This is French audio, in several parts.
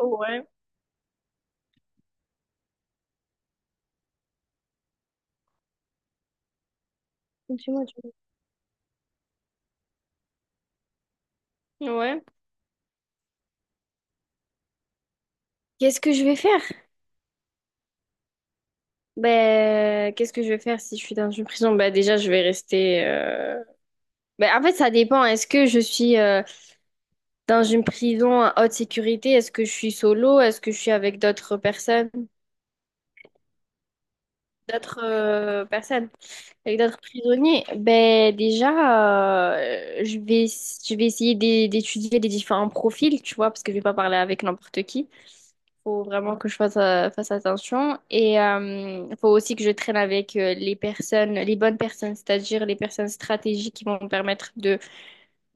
Ouais. Dis-moi, dis-moi. Ouais. Qu'est-ce que je vais faire? Ben, qu'est-ce que je vais faire si je suis dans une prison? Ben, déjà, je vais rester. Ben, en fait, ça dépend. Est-ce que je suis dans une prison à haute sécurité? Est-ce que je suis solo? Est-ce que je suis avec d'autres personnes? D'autres personnes? Avec d'autres prisonniers? Ben, déjà, je vais essayer d'étudier les différents profils, tu vois, parce que je vais pas parler avec n'importe qui. Faut vraiment que je fasse, fasse attention. Et il faut aussi que je traîne avec les personnes, les bonnes personnes, c'est-à-dire les personnes stratégiques qui vont me permettre de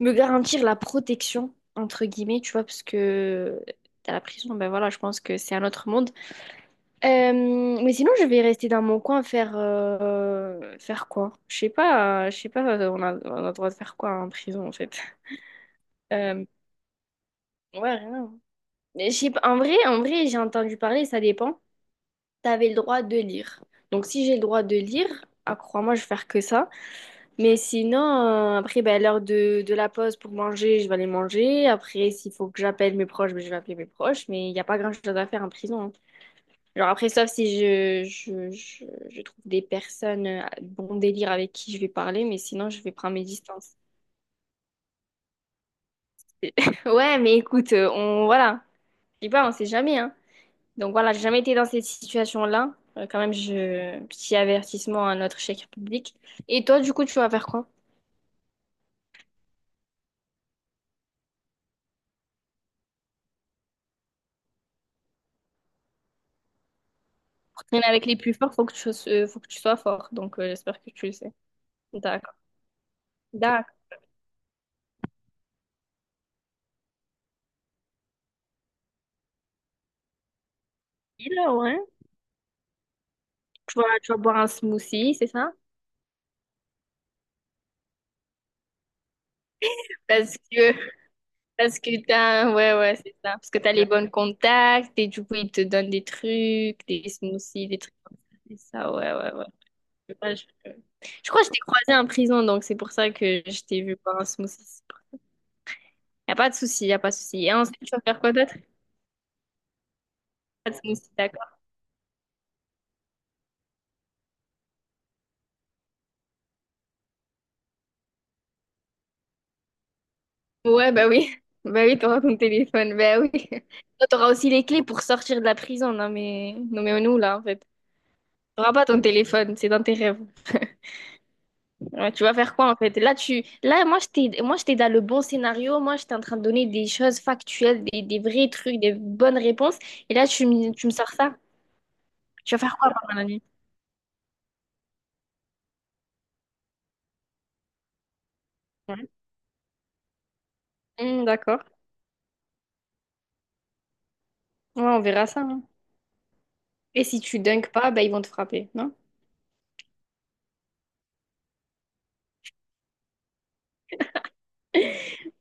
me garantir la protection, entre guillemets, tu vois, parce que à la prison, ben voilà, je pense que c'est un autre monde. Euh, mais sinon, je vais rester dans mon coin, faire, faire quoi? Je sais pas, on a le droit de faire quoi en prison, en fait. Euh, ouais, rien. Mais je sais pas, en vrai, j'ai entendu parler, ça dépend. T'avais le droit de lire. Donc si j'ai le droit de lire, ah, crois-moi, je vais faire que ça. Mais sinon, après, ben, l'heure de la pause pour manger, je vais aller manger. Après, s'il faut que j'appelle mes proches, ben, je vais appeler mes proches. Mais il n'y a pas grand-chose à faire en prison, hein. Genre après, sauf si je trouve des personnes bon délire avec qui je vais parler, mais sinon, je vais prendre mes distances. Ouais, mais écoute, voilà. Je dis pas, on sait jamais, hein. Donc voilà, j'ai jamais été dans cette situation-là. Quand même, je... petit avertissement à notre chèque public. Et toi, du coup, tu vas faire quoi? Pour traîner avec les plus forts, faut que tu sois fort. Donc, j'espère que tu le sais. D'accord. D'accord. Là, ouais. Tu vas boire un smoothie, c'est ça? Parce que, parce que t'as, ouais, ouais, c'est ça. Parce que t'as les bons contacts et du coup, ils te donnent des trucs, des smoothies, des trucs comme ça. C'est ça, ouais, ouais, ouais. Je sais pas, je crois que je t'ai croisé en prison, donc c'est pour ça que je t'ai vu boire un smoothie. Y a pas de souci, y a pas de souci. Et ensuite, tu vas faire quoi d'autre? Pas de souci, d'accord. Ouais, bah oui. Bah oui, t'auras ton téléphone. Bah oui. Toi, t'auras aussi les clés pour sortir de la prison. Non, mais, non, mais nous, là, en fait. T'auras pas ton téléphone, c'est dans tes rêves. Ouais, tu vas faire quoi, en fait? Là, tu... là, moi, j'étais dans le bon scénario. Moi, j'étais en train de donner des choses factuelles, des vrais trucs, des bonnes réponses. Et là, tu me sors ça. Tu vas faire quoi pendant la nuit? Ouais. Hmm, d'accord. Ouais, on verra ça, hein. Et si tu dunks pas, bah, ils vont te frapper, non?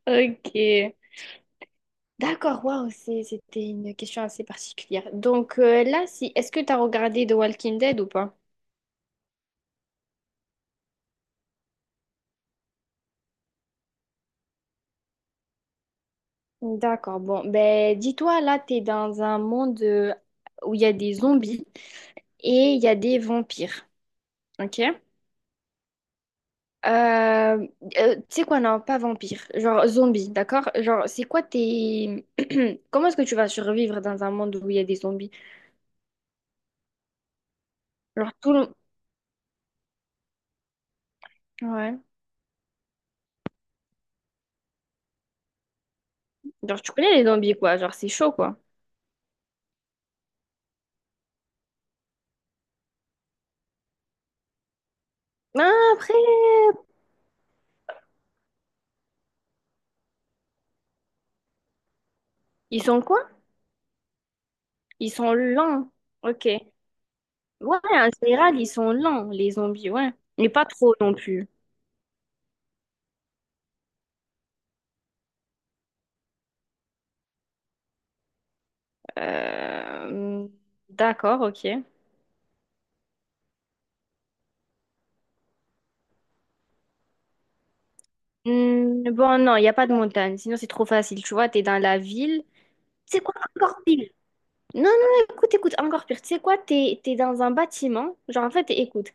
Ok. D'accord, waouh, c'était une question assez particulière. Donc, là, si, est-ce que tu as regardé The Walking Dead ou pas? D'accord, bon, ben dis-toi, là, t'es dans un monde où il y a des zombies et il y a des vampires, ok? Euh, Tu sais quoi, non, pas vampires, genre zombies, d'accord? Genre, c'est quoi tes... Comment est-ce que tu vas survivre dans un monde où il y a des zombies? Genre, tout le... Ouais. Genre, tu connais les zombies, quoi, genre, c'est chaud, quoi. Ah, après, ils sont quoi? Ils sont lents. Ok. Ouais, en général, ils sont lents, les zombies, ouais. Mais pas trop non plus. Euh, D'accord, ok. Hmm, bon, non, il n'y a pas de montagne. Sinon, c'est trop facile. Tu vois, t'es dans la ville. C'est quoi encore pire? Non, non, non, écoute, écoute, encore pire. Tu sais quoi, t'es dans un bâtiment. Genre, en fait, écoute,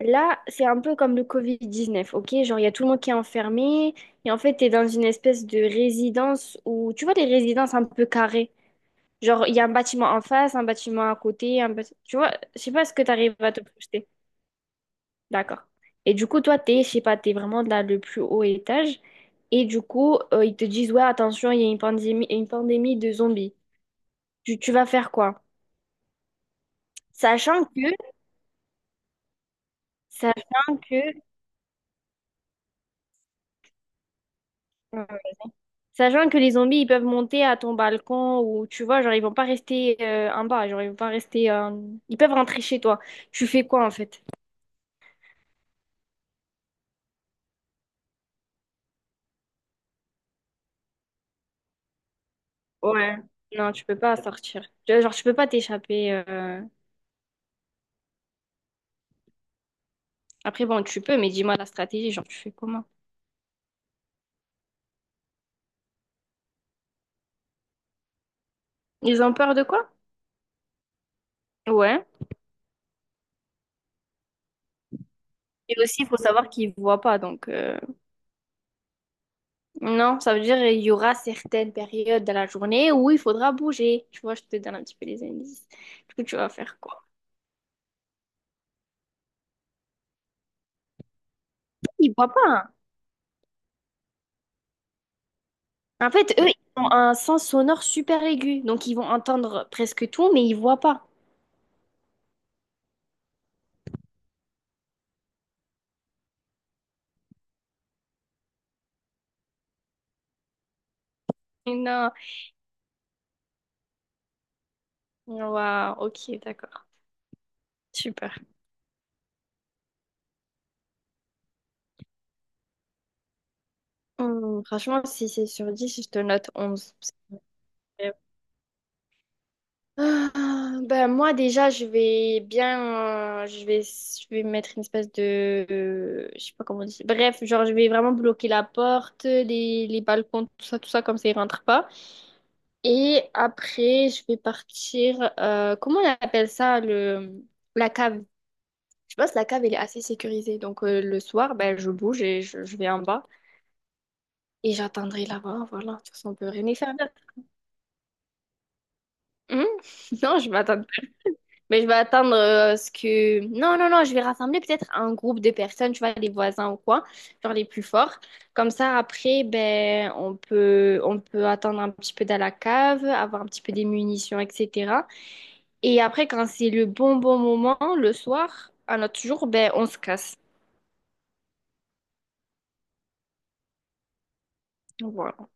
là, c'est un peu comme le COVID-19, ok? Genre, il y a tout le monde qui est enfermé. Et en fait, t'es dans une espèce de résidence où, tu vois, les résidences un peu carrées. Genre, il y a un bâtiment en face, un bâtiment à côté, tu vois, je sais pas ce que tu arrives à te projeter. D'accord. Et du coup, toi, t'es, je sais pas, t'es vraiment dans le plus haut étage. Et du coup, ils te disent, ouais, attention, il y a une pandémie de zombies. Tu vas faire quoi? Sachant que, sachant que, euh, sachant que les zombies, ils peuvent monter à ton balcon ou, tu vois, genre, ils vont pas rester en bas, genre, ils vont pas rester, ils peuvent rentrer chez toi. Tu fais quoi, en fait? Ouais. Non, tu peux pas sortir. Tu Genre, tu peux pas t'échapper, Après, bon, tu peux, mais dis-moi la stratégie, genre, tu fais comment? Ils ont peur de quoi? Ouais. Et aussi, il faut savoir qu'ils voient pas. Donc, non, ça veut dire il y aura certaines périodes de la journée où il faudra bouger. Tu vois, je te donne un petit peu les indices. Du coup, tu vas faire quoi? Ils voient pas, hein. En fait, eux, ils ont un sens sonore super aigu. Donc, ils vont entendre presque tout, mais ils voient pas. Non. Ouais, ok, d'accord. Super. Franchement, si c'est sur 10, je te note 11. C'est- Ah, ben moi déjà je vais bien, je vais mettre une espèce de, je sais pas comment dire, bref, genre je vais vraiment bloquer la porte, les balcons, tout ça, tout ça, comme ça ils rentrent pas, et après je vais partir, comment on appelle ça, le la cave. Je pense que la cave elle est assez sécurisée, donc, le soir, ben je bouge et je vais en bas, et j'attendrai là-bas. Voilà, de toute façon on peut rien y faire. Hum. Non, je m'attends. Mais je vais attendre, ce que... Non, non, non, je vais rassembler peut-être un groupe de personnes, tu vois, les voisins ou quoi, genre les plus forts. Comme ça, après, ben, on peut attendre un petit peu dans la cave, avoir un petit peu des munitions, etc. Et après, quand c'est le bon, bon moment, le soir, à notre jour, ben, on se casse. Voilà.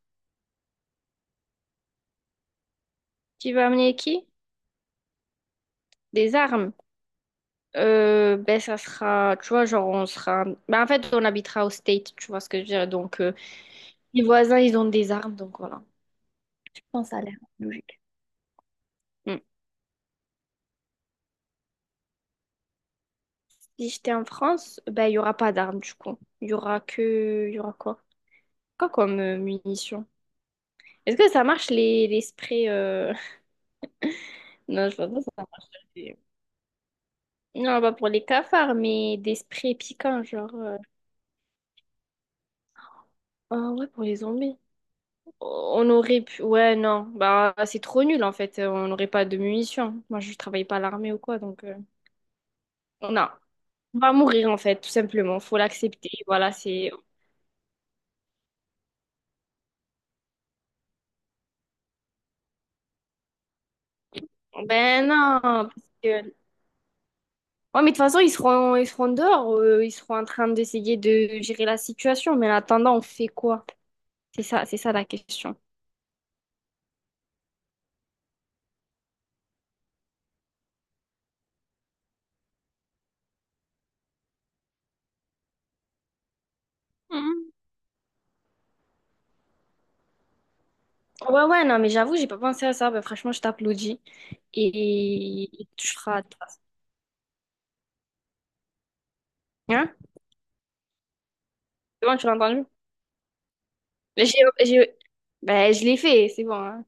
Tu veux amener qui? Des armes. Ben, ça sera, tu vois, genre, on sera... Ben, en fait, on habitera au state, tu vois ce que je veux dire. Donc, les voisins, ils ont des armes, donc voilà. Non, ça a l'air logique. Mm. Si j'étais en France, ben, il n'y aura pas d'armes du coup. Il y aura que... Il y aura quoi? Quoi comme, munitions? Est-ce que ça marche, les sprays... Non, je vois pas ça marche. les- Non, pas pour les cafards, mais des sprays piquants, genre... Ah ouais, pour les zombies. On aurait pu... Ouais, non. Bah, c'est trop nul, en fait. On n'aurait pas de munitions. Moi, je travaille pas à l'armée ou quoi, donc... Non. On va mourir, en fait, tout simplement. Faut l'accepter. Voilà, c'est... Ben non, parce que... Ouais, mais de toute façon, ils seront dehors, ils seront en train d'essayer de gérer la situation, mais en attendant, on fait quoi? C'est ça la question. Mhm. Ouais, ouais, non, mais j'avoue, j'ai pas pensé à ça. Bah, franchement, je t'applaudis. Et tu feras. Hein? C'est bon, tu l'as entendu? Mais j'ai... Ben, je l'ai fait, c'est bon, hein.